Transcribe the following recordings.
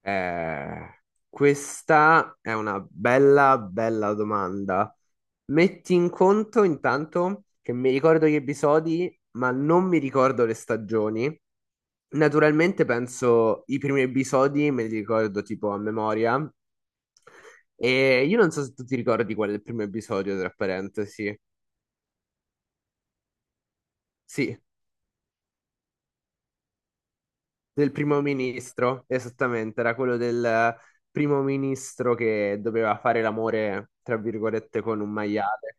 Eh, questa è una bella, bella domanda. Metti in conto intanto che mi ricordo gli episodi, ma non mi ricordo le stagioni. Naturalmente penso i primi episodi, me li ricordo tipo a memoria. E io non so se tu ti ricordi qual è il primo episodio, tra parentesi. Sì, del primo ministro, esattamente, era quello del primo ministro che doveva fare l'amore, tra virgolette, con un maiale.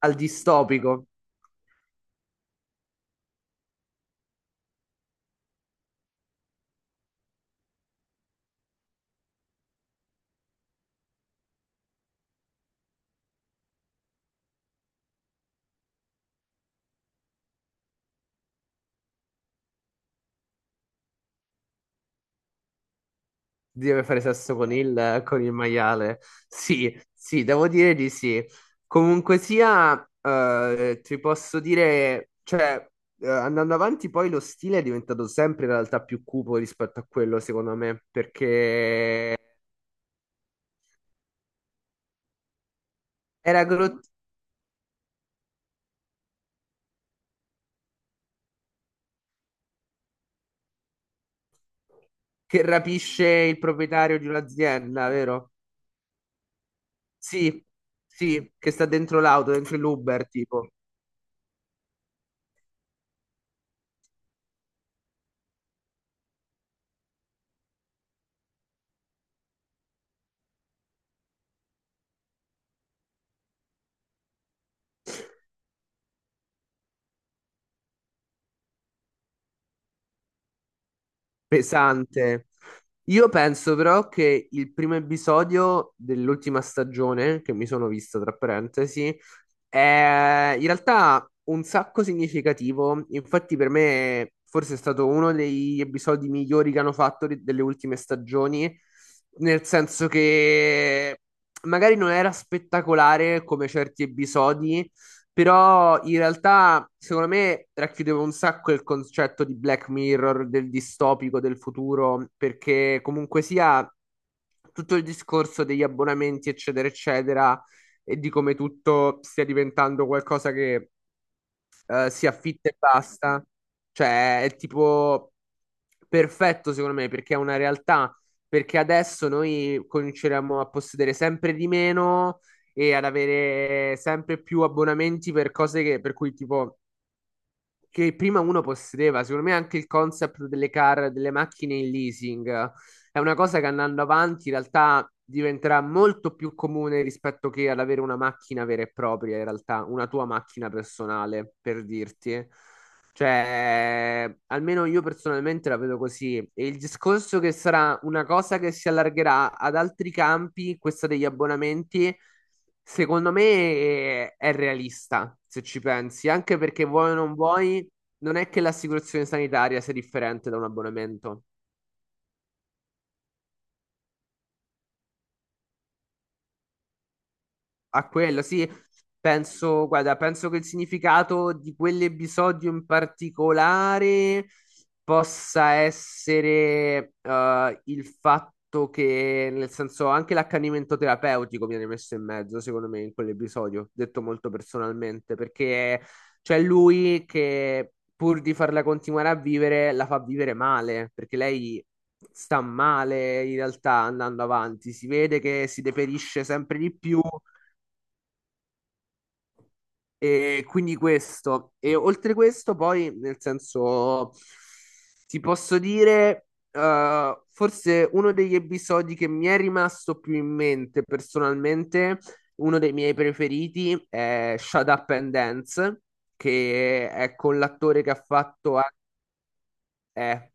Al distopico deve fare sesso con il maiale. Sì, sì, devo dire di sì. Comunque sia, ti posso dire, cioè, andando avanti, poi lo stile è diventato sempre in realtà più cupo rispetto a quello, secondo me, perché era Groot che rapisce il proprietario di un'azienda, vero? Sì, sì, che sta dentro l'auto, dentro l'Uber, tipo. Pesante. Io penso però che il primo episodio dell'ultima stagione, che mi sono visto tra parentesi, è in realtà un sacco significativo. Infatti, per me, forse è stato uno degli episodi migliori che hanno fatto delle ultime stagioni, nel senso che magari non era spettacolare come certi episodi. Però in realtà, secondo me, racchiudeva un sacco il concetto di Black Mirror, del distopico del futuro, perché comunque sia tutto il discorso degli abbonamenti, eccetera, eccetera, e di come tutto stia diventando qualcosa che si affitta e basta. Cioè, è tipo perfetto secondo me perché è una realtà. Perché adesso noi cominceremo a possedere sempre di meno e ad avere sempre più abbonamenti per cose che, per cui tipo che prima uno possedeva. Secondo me anche il concept delle car, delle macchine in leasing, è una cosa che andando avanti in realtà diventerà molto più comune rispetto che ad avere una macchina vera e propria, in realtà, una tua macchina personale, per dirti. Cioè, almeno io personalmente la vedo così. E il discorso che sarà una cosa che si allargherà ad altri campi, questa degli abbonamenti, secondo me è realista, se ci pensi, anche perché vuoi o non vuoi, non è che l'assicurazione sanitaria sia differente da un abbonamento. A quello, sì, penso, guarda, penso che il significato di quell'episodio in particolare possa essere, il fatto che, nel senso, anche l'accanimento terapeutico viene messo in mezzo, secondo me, in quell'episodio, detto molto personalmente, perché c'è lui che pur di farla continuare a vivere, la fa vivere male, perché lei sta male in realtà andando avanti, si vede che si deperisce sempre di più, e quindi questo, e oltre questo, poi nel senso, ti posso dire, forse uno degli episodi che mi è rimasto più in mente personalmente, uno dei miei preferiti è Shut Up and Dance, che è con l'attore che ha fatto, eh,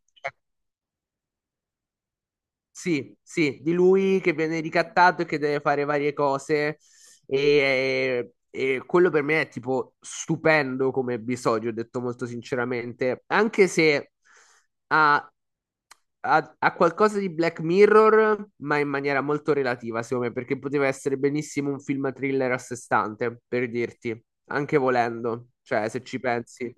sì, sì, di lui che viene ricattato e che deve fare varie cose. E quello per me è tipo stupendo come episodio, ho detto molto sinceramente. Anche se ha, ha qualcosa di Black Mirror, ma in maniera molto relativa, secondo me, perché poteva essere benissimo un film thriller a sé stante, per dirti, anche volendo, cioè se ci pensi.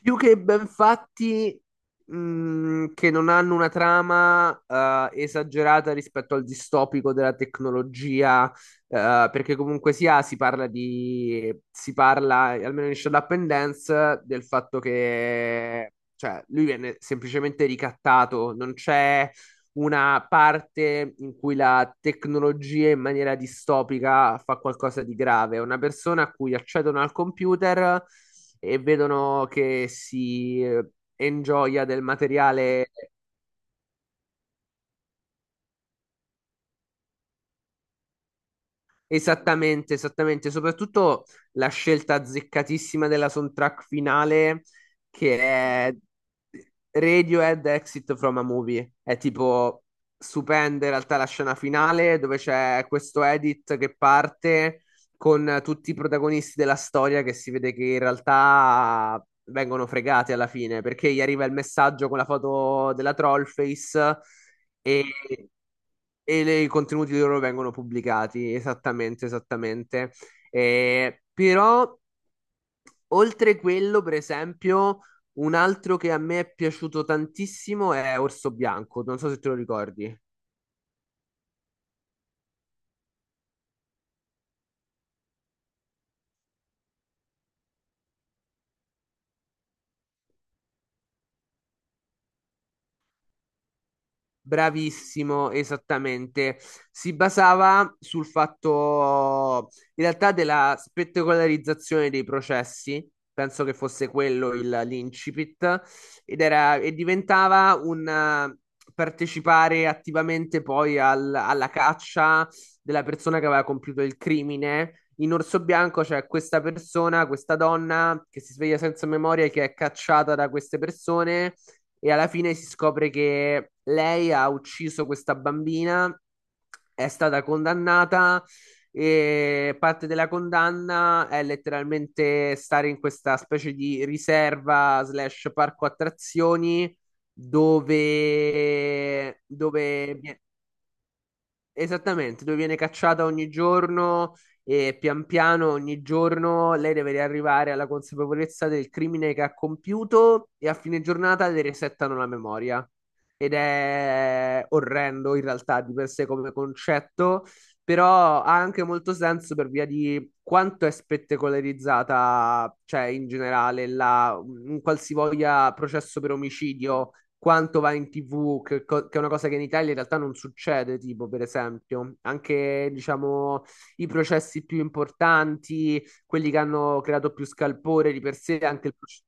Più che ben fatti, che non hanno una trama esagerata rispetto al distopico della tecnologia, perché comunque sia si parla, almeno in Shut Up and Dance, del fatto che, cioè, lui viene semplicemente ricattato, non c'è una parte in cui la tecnologia in maniera distopica fa qualcosa di grave. Una persona a cui accedono al computer e vedono che si ingioia del materiale. Esattamente, esattamente, soprattutto la scelta azzeccatissima della soundtrack finale che è Radiohead Exit from a Movie. È tipo stupenda in realtà la scena finale dove c'è questo edit che parte con tutti i protagonisti della storia che si vede che in realtà vengono fregati alla fine perché gli arriva il messaggio con la foto della Trollface e e i contenuti loro vengono pubblicati, esattamente, esattamente. Però, oltre quello, per esempio, un altro che a me è piaciuto tantissimo è Orso Bianco, non so se te lo ricordi. Bravissimo, esattamente. Si basava sul fatto, in realtà, della spettacolarizzazione dei processi, penso che fosse quello l'incipit, ed era, e diventava un, partecipare attivamente poi alla caccia della persona che aveva compiuto il crimine. In Orso Bianco c'è questa persona, questa donna che si sveglia senza memoria e che è cacciata da queste persone e alla fine si scopre che lei ha ucciso questa bambina, è stata condannata e parte della condanna è letteralmente stare in questa specie di riserva slash parco attrazioni dove, dove. Esattamente, dove viene cacciata ogni giorno e pian piano ogni giorno lei deve arrivare alla consapevolezza del crimine che ha compiuto e a fine giornata le resettano la memoria. Ed è orrendo in realtà di per sé come concetto, però ha anche molto senso per via di quanto è spettacolarizzata, cioè in generale, la, un qualsivoglia processo per omicidio quanto va in TV, che, che è una cosa che in Italia in realtà non succede, tipo per esempio, anche diciamo i processi più importanti, quelli che hanno creato più scalpore di per sé, anche il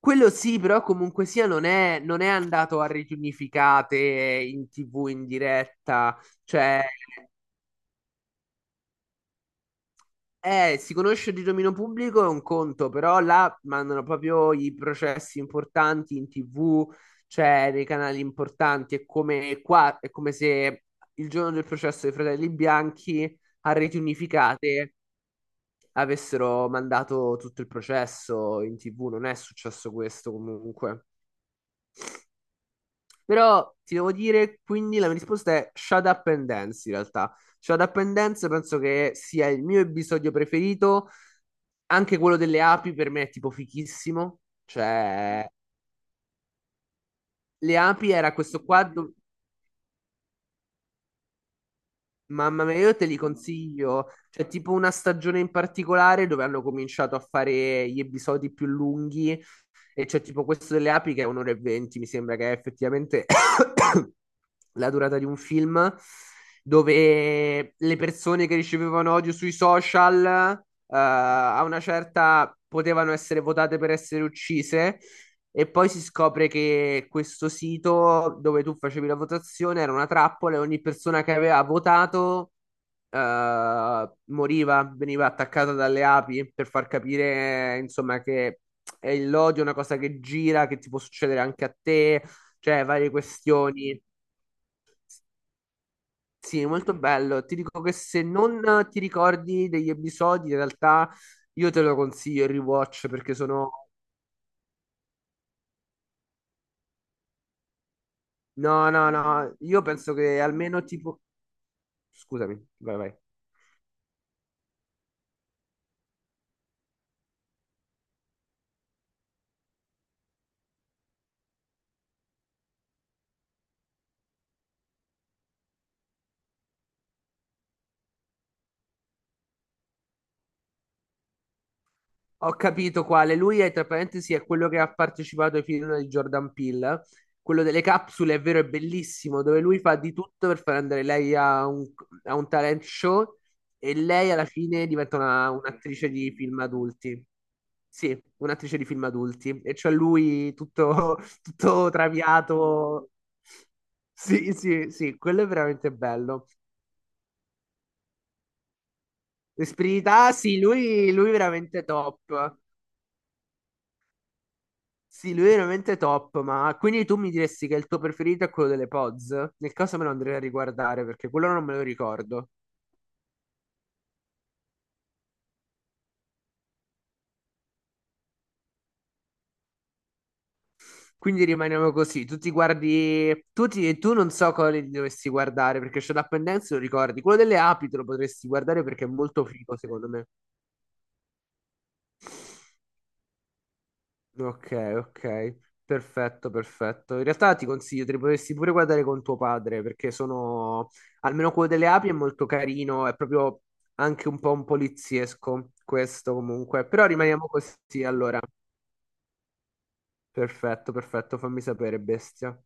quello sì, però comunque sia non è andato a reti unificate in TV in diretta, cioè. Si conosce di dominio pubblico è un conto, però là mandano proprio i processi importanti in TV, cioè nei canali importanti. È come qua, è come se il giorno del processo dei Fratelli Bianchi a reti unificate avessero mandato tutto il processo in TV. Non è successo questo comunque. Però ti devo dire, quindi la mia risposta è Shut Up and Dance in realtà. Shut Up and Dance penso che sia il mio episodio preferito. Anche quello delle api per me è tipo fichissimo. Cioè, le api era questo qua. Mamma mia, io te li consiglio. C'è tipo una stagione in particolare dove hanno cominciato a fare gli episodi più lunghi. E c'è tipo questo delle api che è 1 ora e 20. Mi sembra che è effettivamente la durata di un film dove le persone che ricevevano odio sui social, eh, a una certa potevano essere votate per essere uccise, e poi si scopre che questo sito dove tu facevi la votazione era una trappola e ogni persona che aveva votato moriva, veniva attaccata dalle api per far capire, insomma, che è l'odio è una cosa che gira, che ti può succedere anche a te, cioè varie questioni. Sì, molto bello. Ti dico che se non ti ricordi degli episodi, in realtà io te lo consiglio il rewatch perché sono... No, no, no, io penso che almeno tipo... Scusami, vai, vai. Ho capito quale. Lui è, tra parentesi, è quello che ha partecipato ai film di Jordan Peele. Quello delle capsule, è vero, è bellissimo, dove lui fa di tutto per far andare lei a un talent show, e lei alla fine diventa un'attrice di film adulti. Sì, un'attrice di film adulti. E c'è lui tutto, tutto traviato. Sì, sì, sì, quello è veramente bello. L'esperienza, sì, lui veramente top. Sì, lui è veramente top, ma quindi tu mi diresti che il tuo preferito è quello delle Pods? Nel caso me lo andrei a riguardare perché quello non me lo ricordo. Quindi rimaniamo così, tu ti guardi, tu non so quale ti dovresti guardare perché Shut Up and Dance lo ricordi, quello delle api te lo potresti guardare perché è molto figo secondo me. Ok, ok, perfetto, perfetto. In realtà ti consiglio, te li potresti pure guardare con tuo padre, perché sono, almeno quello delle api è molto carino, è proprio anche un po' un poliziesco questo comunque. Però rimaniamo così, allora. Perfetto, perfetto, fammi sapere, bestia.